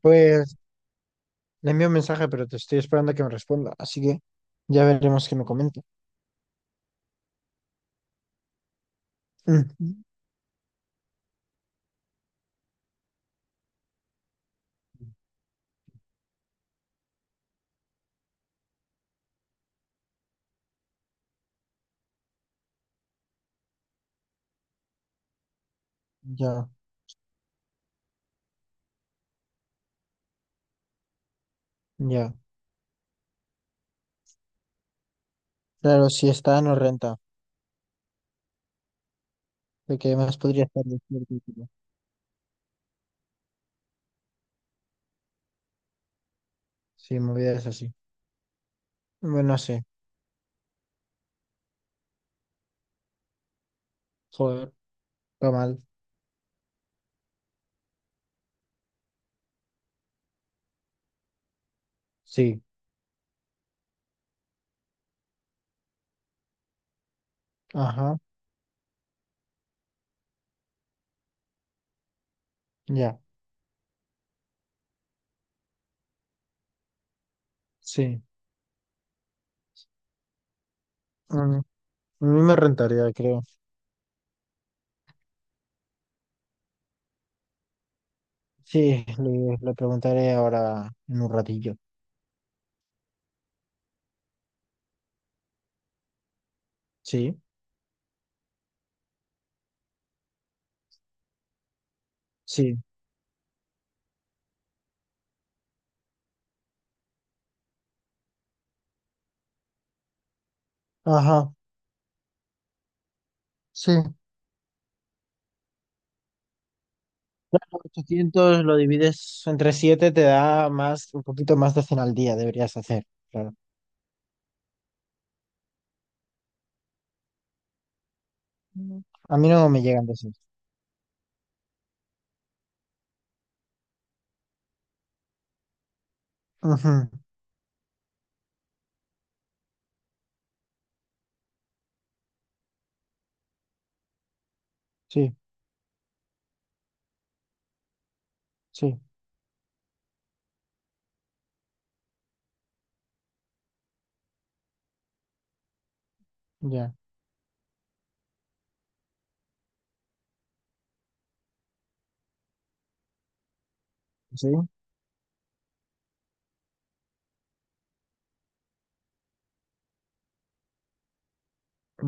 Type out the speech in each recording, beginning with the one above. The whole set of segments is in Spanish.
Pues le envío un mensaje, pero te estoy esperando a que me responda, así que ya veremos qué me comenta. Ujú. Ya, ya. Claro, si está, no renta. De que más podría estar despierto. Y sí, movidas así. Bueno, no sé. Joder, está mal. Sí. Ajá, ya. Sí. Mm, A mí me rentaría, creo. Sí, le preguntaré ahora en un ratillo. Sí, sí. Ajá, sí. Claro, 800 lo divides entre 7 te da más, un poquito más de 100 al día, deberías hacer. Claro. Ujú. A mí no me llegan de esos. Ujú. Sí, sí, ya. ¿Sí?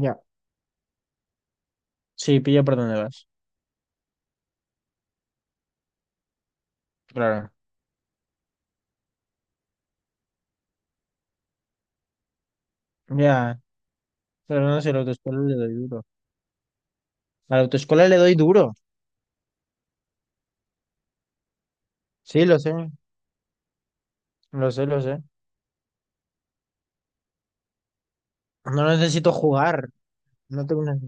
Ya. Sí, pillo por dónde vas. Claro. Ya. Pero no sé, a la autoescuela le doy duro. A la autoescuela le doy duro. Sí, lo sé. Lo sé, lo sé. No necesito jugar. No tengo una...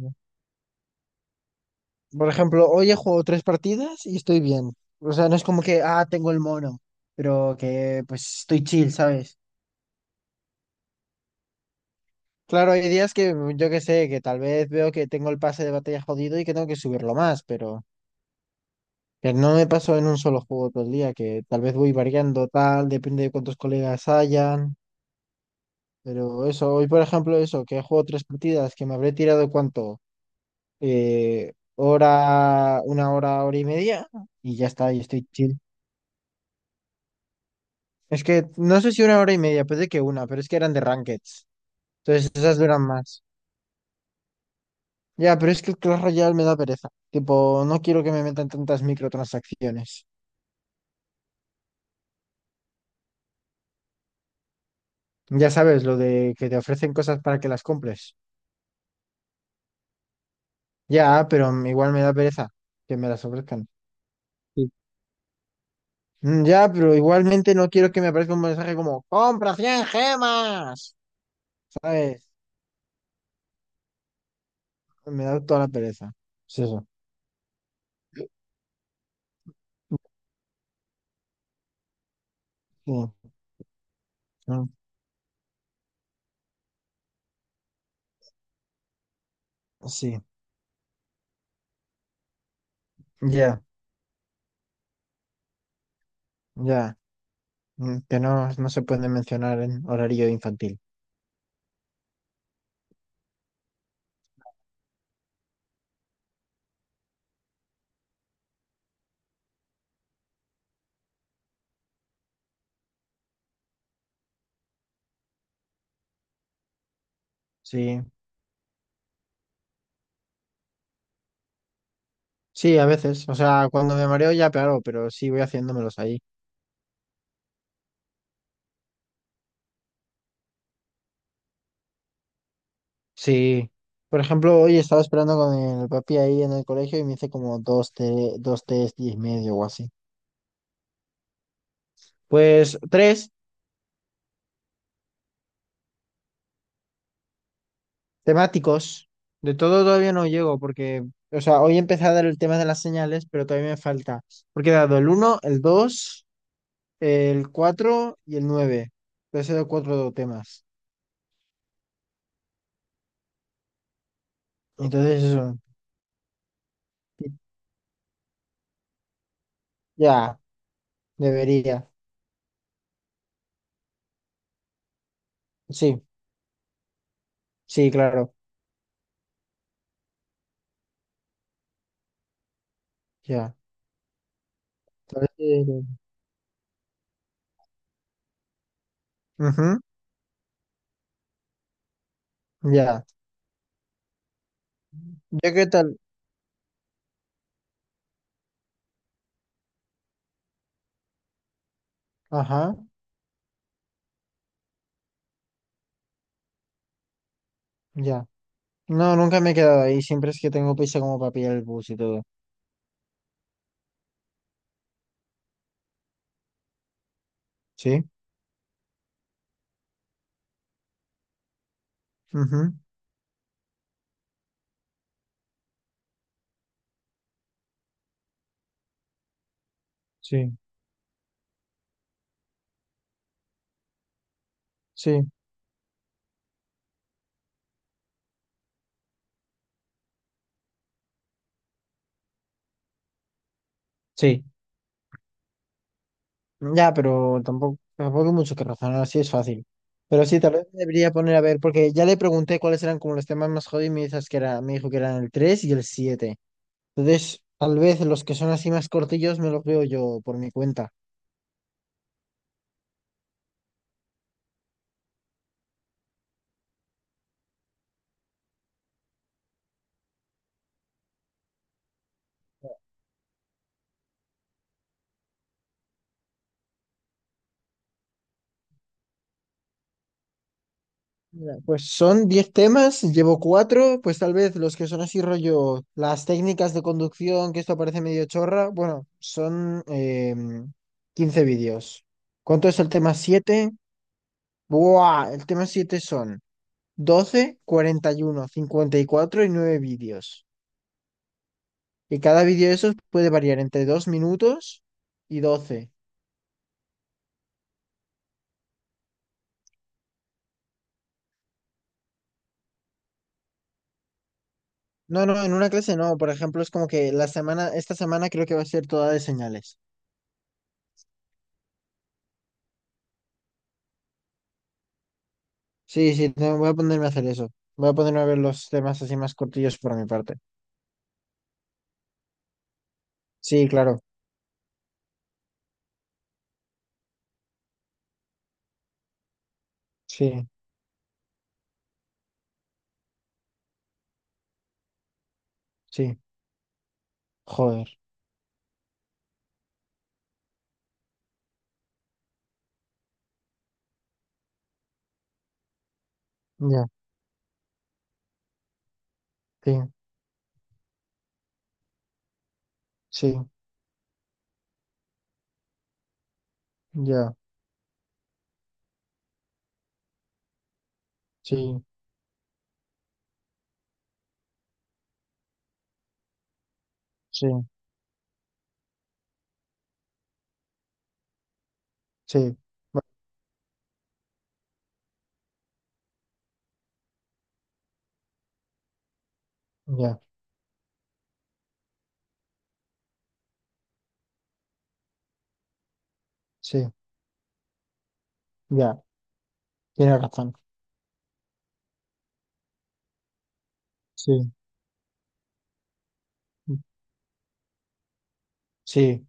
Por ejemplo, hoy he jugado tres partidas y estoy bien. O sea, no es como que, ah, tengo el mono. Pero que, pues, estoy chill, ¿sabes? Claro, hay días que yo que sé, que tal vez veo que tengo el pase de batalla jodido y que tengo que subirlo más, pero que no me paso en un solo juego todo el día, que tal vez voy variando tal, depende de cuántos colegas hayan, pero eso, hoy por ejemplo eso, que he jugado tres partidas, que me habré tirado cuánto, hora, una hora, hora y media, y ya está, y estoy chill. Es que no sé si una hora y media, puede que una, pero es que eran de rankeds, entonces esas duran más. Ya, pero es que el Clash Royale me da pereza. Tipo, no quiero que me metan tantas microtransacciones. Ya sabes, lo de que te ofrecen cosas para que las compres. Ya, pero igual me da pereza que me las ofrezcan. Sí. Ya, pero igualmente no quiero que me aparezca un mensaje como, compra 100 gemas. ¿Sabes? Me da toda la pereza. Es eso. Sí, mm, sí. Ya, ya. Que no, no se puede mencionar en horario infantil. Sí. Sí, a veces. O sea, cuando me mareo ya, claro, pero sí voy haciéndomelos ahí. Sí. Por ejemplo, hoy estaba esperando con el papi ahí en el colegio y me hice como dos, dos test y medio o así. Pues tres temáticos. De todo todavía no llego porque, o sea, hoy empecé a dar el tema de las señales, pero todavía me falta. Porque he dado el uno, el dos, el 4 y el nueve. Entonces he dado cuatro temas. Entonces eso, ya, debería. Sí, sí, claro, ya. Torero. Ujú, ya. ¿Yo qué tal? Ajá, ya. No, nunca me he quedado ahí. Siempre es que tengo prisa como para pillar el bus y todo. ¿Sí? Ujú, sí, sí, sí. Ya, pero tampoco hay mucho que razonar, así es fácil. Pero sí, tal vez me debería poner a ver, porque ya le pregunté cuáles eran como los temas más jodidos y me dices que era, me dijo que eran el 3 y el siete. Entonces, tal vez los que son así más cortillos me los veo yo por mi cuenta. Mira, pues son 10 temas, llevo cuatro, pues tal vez los que son así rollo, las técnicas de conducción, que esto parece medio chorra, bueno, son 15 vídeos. ¿Cuánto es el tema 7? ¡Buah! El tema 7 son 12, 41, 54 y nueve vídeos. Y cada vídeo de esos puede variar entre 2 minutos y 12. No, no, en una clase no, por ejemplo, es como que la semana, esta semana creo que va a ser toda de señales. Sí, sí, voy a ponerme a hacer eso. Voy a ponerme a ver los temas así más cortillos por mi parte. Sí, claro. Sí, sí. Joder. Ya, sí, sí, ya, sí, sí, sí. Ya, sí, ya. Tienes razón. Sí, sí,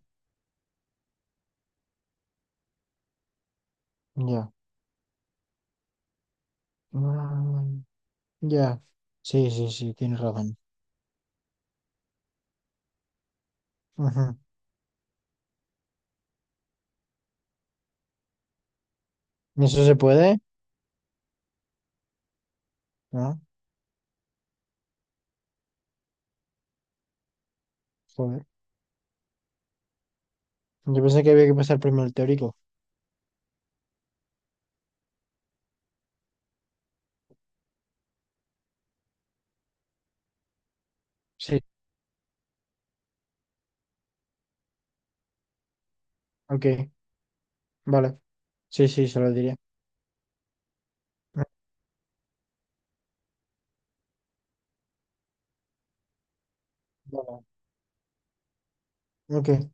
ya. mm, ya. Sí, sí, sí, tienes razón. Ujú. ¿Y eso se puede? No, joder. Yo pensé que había que pasar primero el teórico. Sí, ok, vale. Sí, sí, se lo diría. Mm, Vale, ok.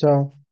Chao.